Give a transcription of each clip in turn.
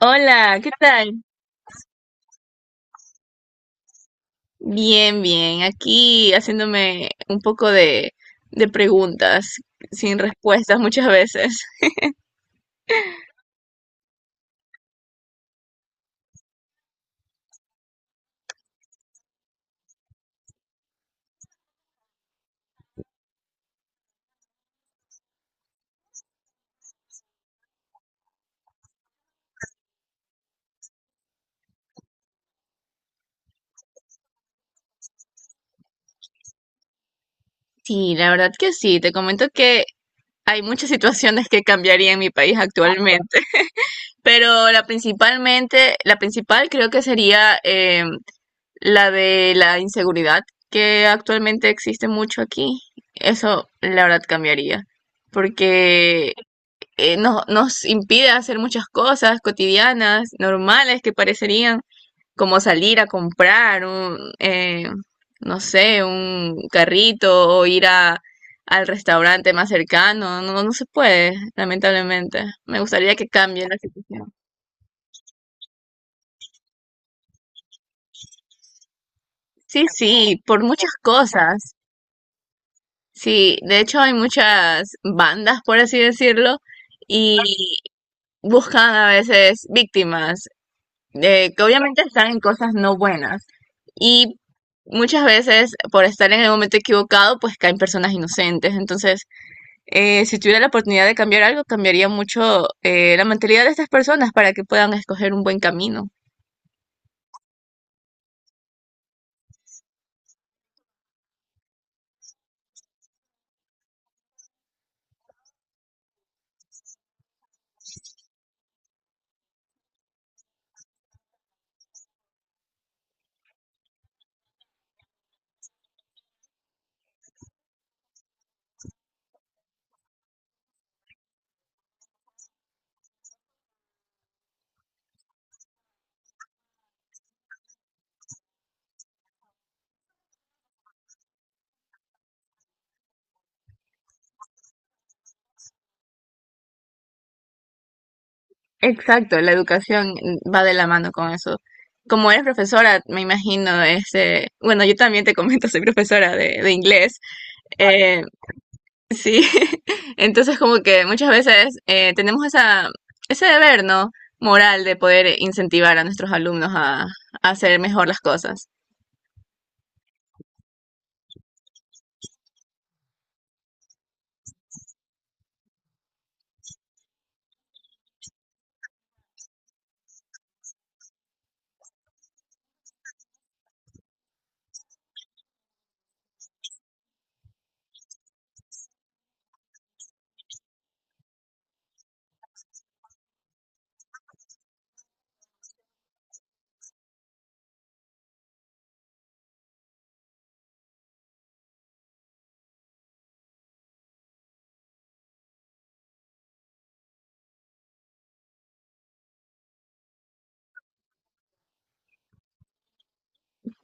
Hola, ¿qué tal? Bien, bien. Aquí haciéndome un poco de preguntas sin respuestas muchas veces. Sí, la verdad que sí. Te comento que hay muchas situaciones que cambiaría en mi país actualmente, pero la principal creo que sería, la de la inseguridad que actualmente existe mucho aquí. Eso la verdad cambiaría, porque nos impide hacer muchas cosas cotidianas, normales que parecerían, como salir a comprar un, no sé, un carrito o ir al restaurante más cercano. No se puede, lamentablemente. Me gustaría que cambie la situación. Sí, sí, por muchas cosas. Sí, de hecho hay muchas bandas, por así decirlo, y buscan a veces víctimas, que obviamente están en cosas no buenas. Y muchas veces, por estar en el momento equivocado, pues caen personas inocentes. Entonces, si tuviera la oportunidad de cambiar algo, cambiaría mucho, la mentalidad de estas personas para que puedan escoger un buen camino. Exacto, la educación va de la mano con eso. Como eres profesora, me imagino, este, bueno, yo también te comento, soy profesora de inglés. Sí, entonces como que muchas veces, ese deber, ¿no? Moral de poder incentivar a nuestros alumnos a hacer mejor las cosas.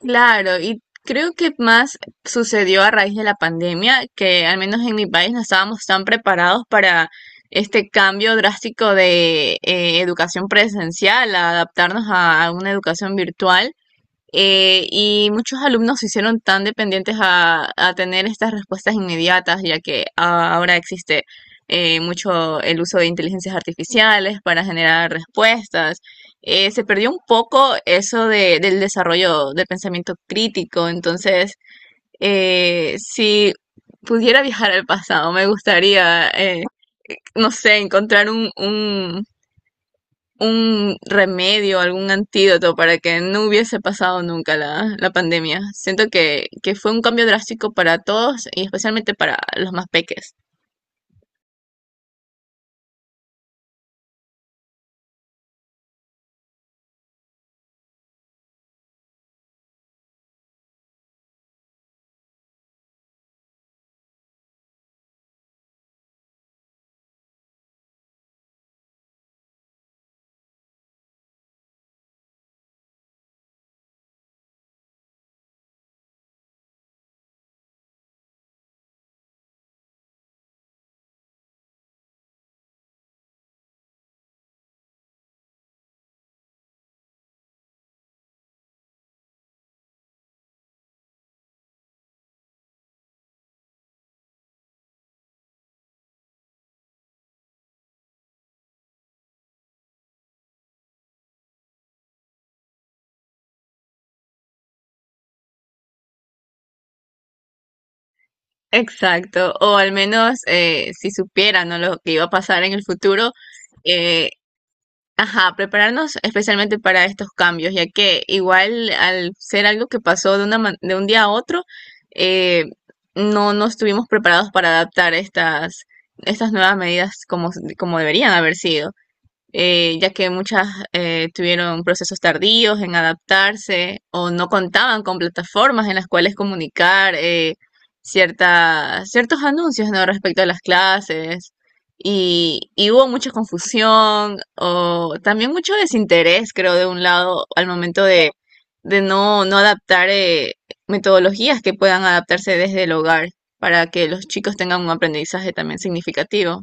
Claro, y creo que más sucedió a raíz de la pandemia, que al menos en mi país no estábamos tan preparados para este cambio drástico de, educación presencial, a adaptarnos a una educación virtual. Y muchos alumnos se hicieron tan dependientes a tener estas respuestas inmediatas, ya que ahora existe, mucho el uso de inteligencias artificiales para generar respuestas. Se perdió un poco del desarrollo del pensamiento crítico. Entonces, si pudiera viajar al pasado, me gustaría, no sé, encontrar un remedio, algún antídoto para que no hubiese pasado nunca la, la pandemia. Siento que fue un cambio drástico para todos y especialmente para los más peques. Exacto, o al menos, si supieran, ¿no?, lo que iba a pasar en el futuro. eh, ajá, Prepararnos especialmente para estos cambios, ya que igual al ser algo que pasó de un día a otro. eh, no estuvimos preparados para adaptar estas nuevas medidas como deberían haber sido. Ya que muchas, tuvieron procesos tardíos en adaptarse o no contaban con plataformas en las cuales comunicar, ciertos anuncios, ¿no?, respecto a las clases. Y hubo mucha confusión o también mucho desinterés, creo, de un lado al momento de no, no adaptar, metodologías que puedan adaptarse desde el hogar para que los chicos tengan un aprendizaje también significativo.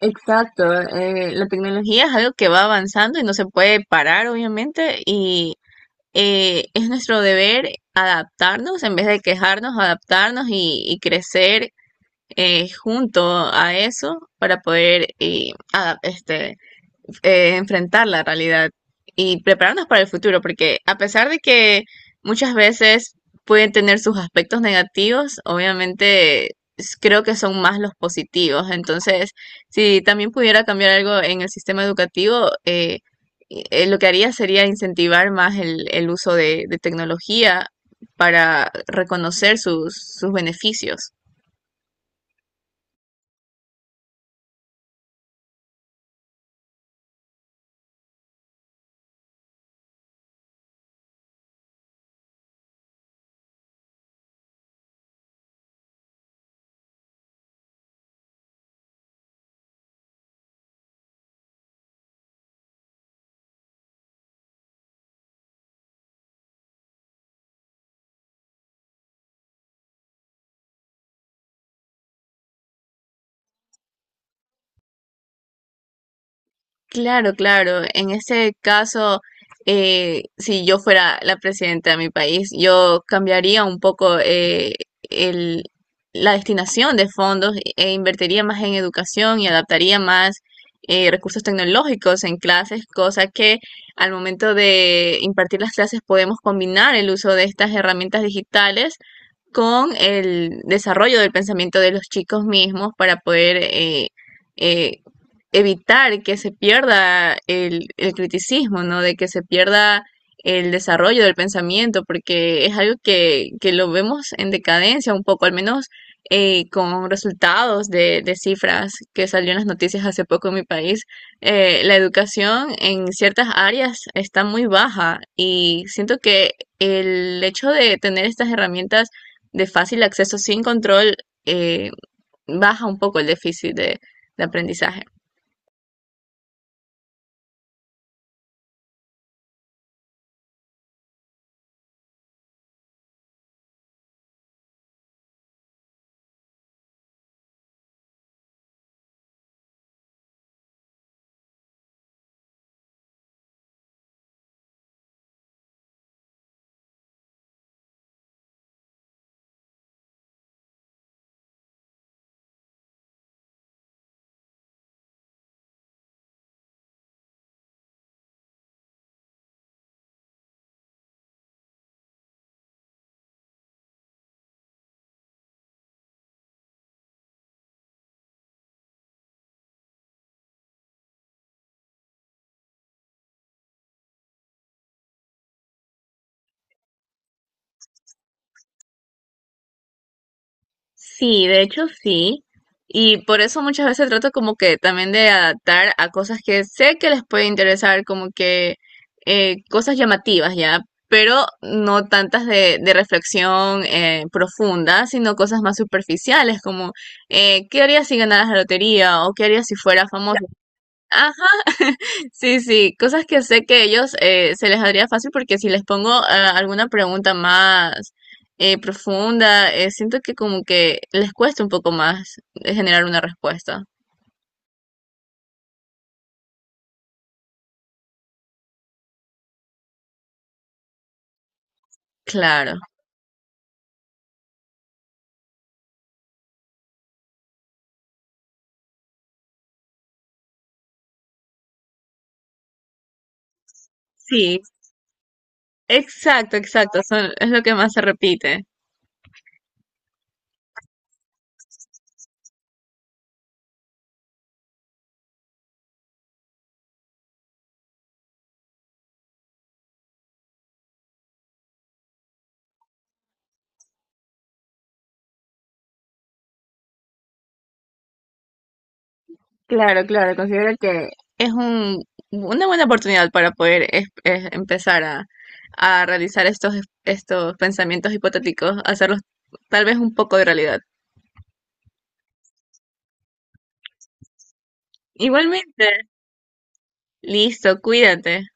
Exacto, la tecnología es algo que va avanzando y no se puede parar, obviamente, y, es nuestro deber adaptarnos en vez de quejarnos, adaptarnos y crecer, junto a eso para poder enfrentar la realidad y prepararnos para el futuro, porque a pesar de que muchas veces pueden tener sus aspectos negativos, obviamente, creo que son más los positivos. Entonces, si también pudiera cambiar algo en el sistema educativo, lo que haría sería incentivar más el uso de tecnología para reconocer sus, sus beneficios. Claro, claro. En este caso, si yo fuera la presidenta de mi país, yo cambiaría un poco, el- la destinación de fondos e invertiría más en educación y adaptaría más, recursos tecnológicos en clases, cosa que al momento de impartir las clases podemos combinar el uso de estas herramientas digitales con el desarrollo del pensamiento de los chicos mismos para poder eh, evitar que se pierda el criticismo, ¿no? De que se pierda el desarrollo del pensamiento, porque es algo que lo vemos en decadencia un poco, al menos, eh, con resultados de cifras que salió en las noticias hace poco en mi país. La educación en ciertas áreas está muy baja y siento que el hecho de tener estas herramientas de fácil acceso sin control, eh, baja un poco el déficit de aprendizaje. Sí, de hecho sí. Y por eso muchas veces trato como que también de adaptar a cosas que sé que les puede interesar, como que, cosas llamativas ya, pero no tantas de reflexión, profunda, sino cosas más superficiales como, ¿qué harías si ganaras la lotería?, o ¿qué harías si fueras famoso? Ah. Sí, sí, cosas que sé que ellos, se les haría fácil, porque si les pongo, ah, alguna pregunta más, profunda, siento que como que les cuesta un poco más, generar una respuesta. Claro. Sí, exacto, exacto, son, es lo que más se repite. Claro, claro, considero que es un, una buena oportunidad para poder es empezar a realizar estos pensamientos hipotéticos, hacerlos tal vez un poco de realidad. Igualmente. Listo, cuídate.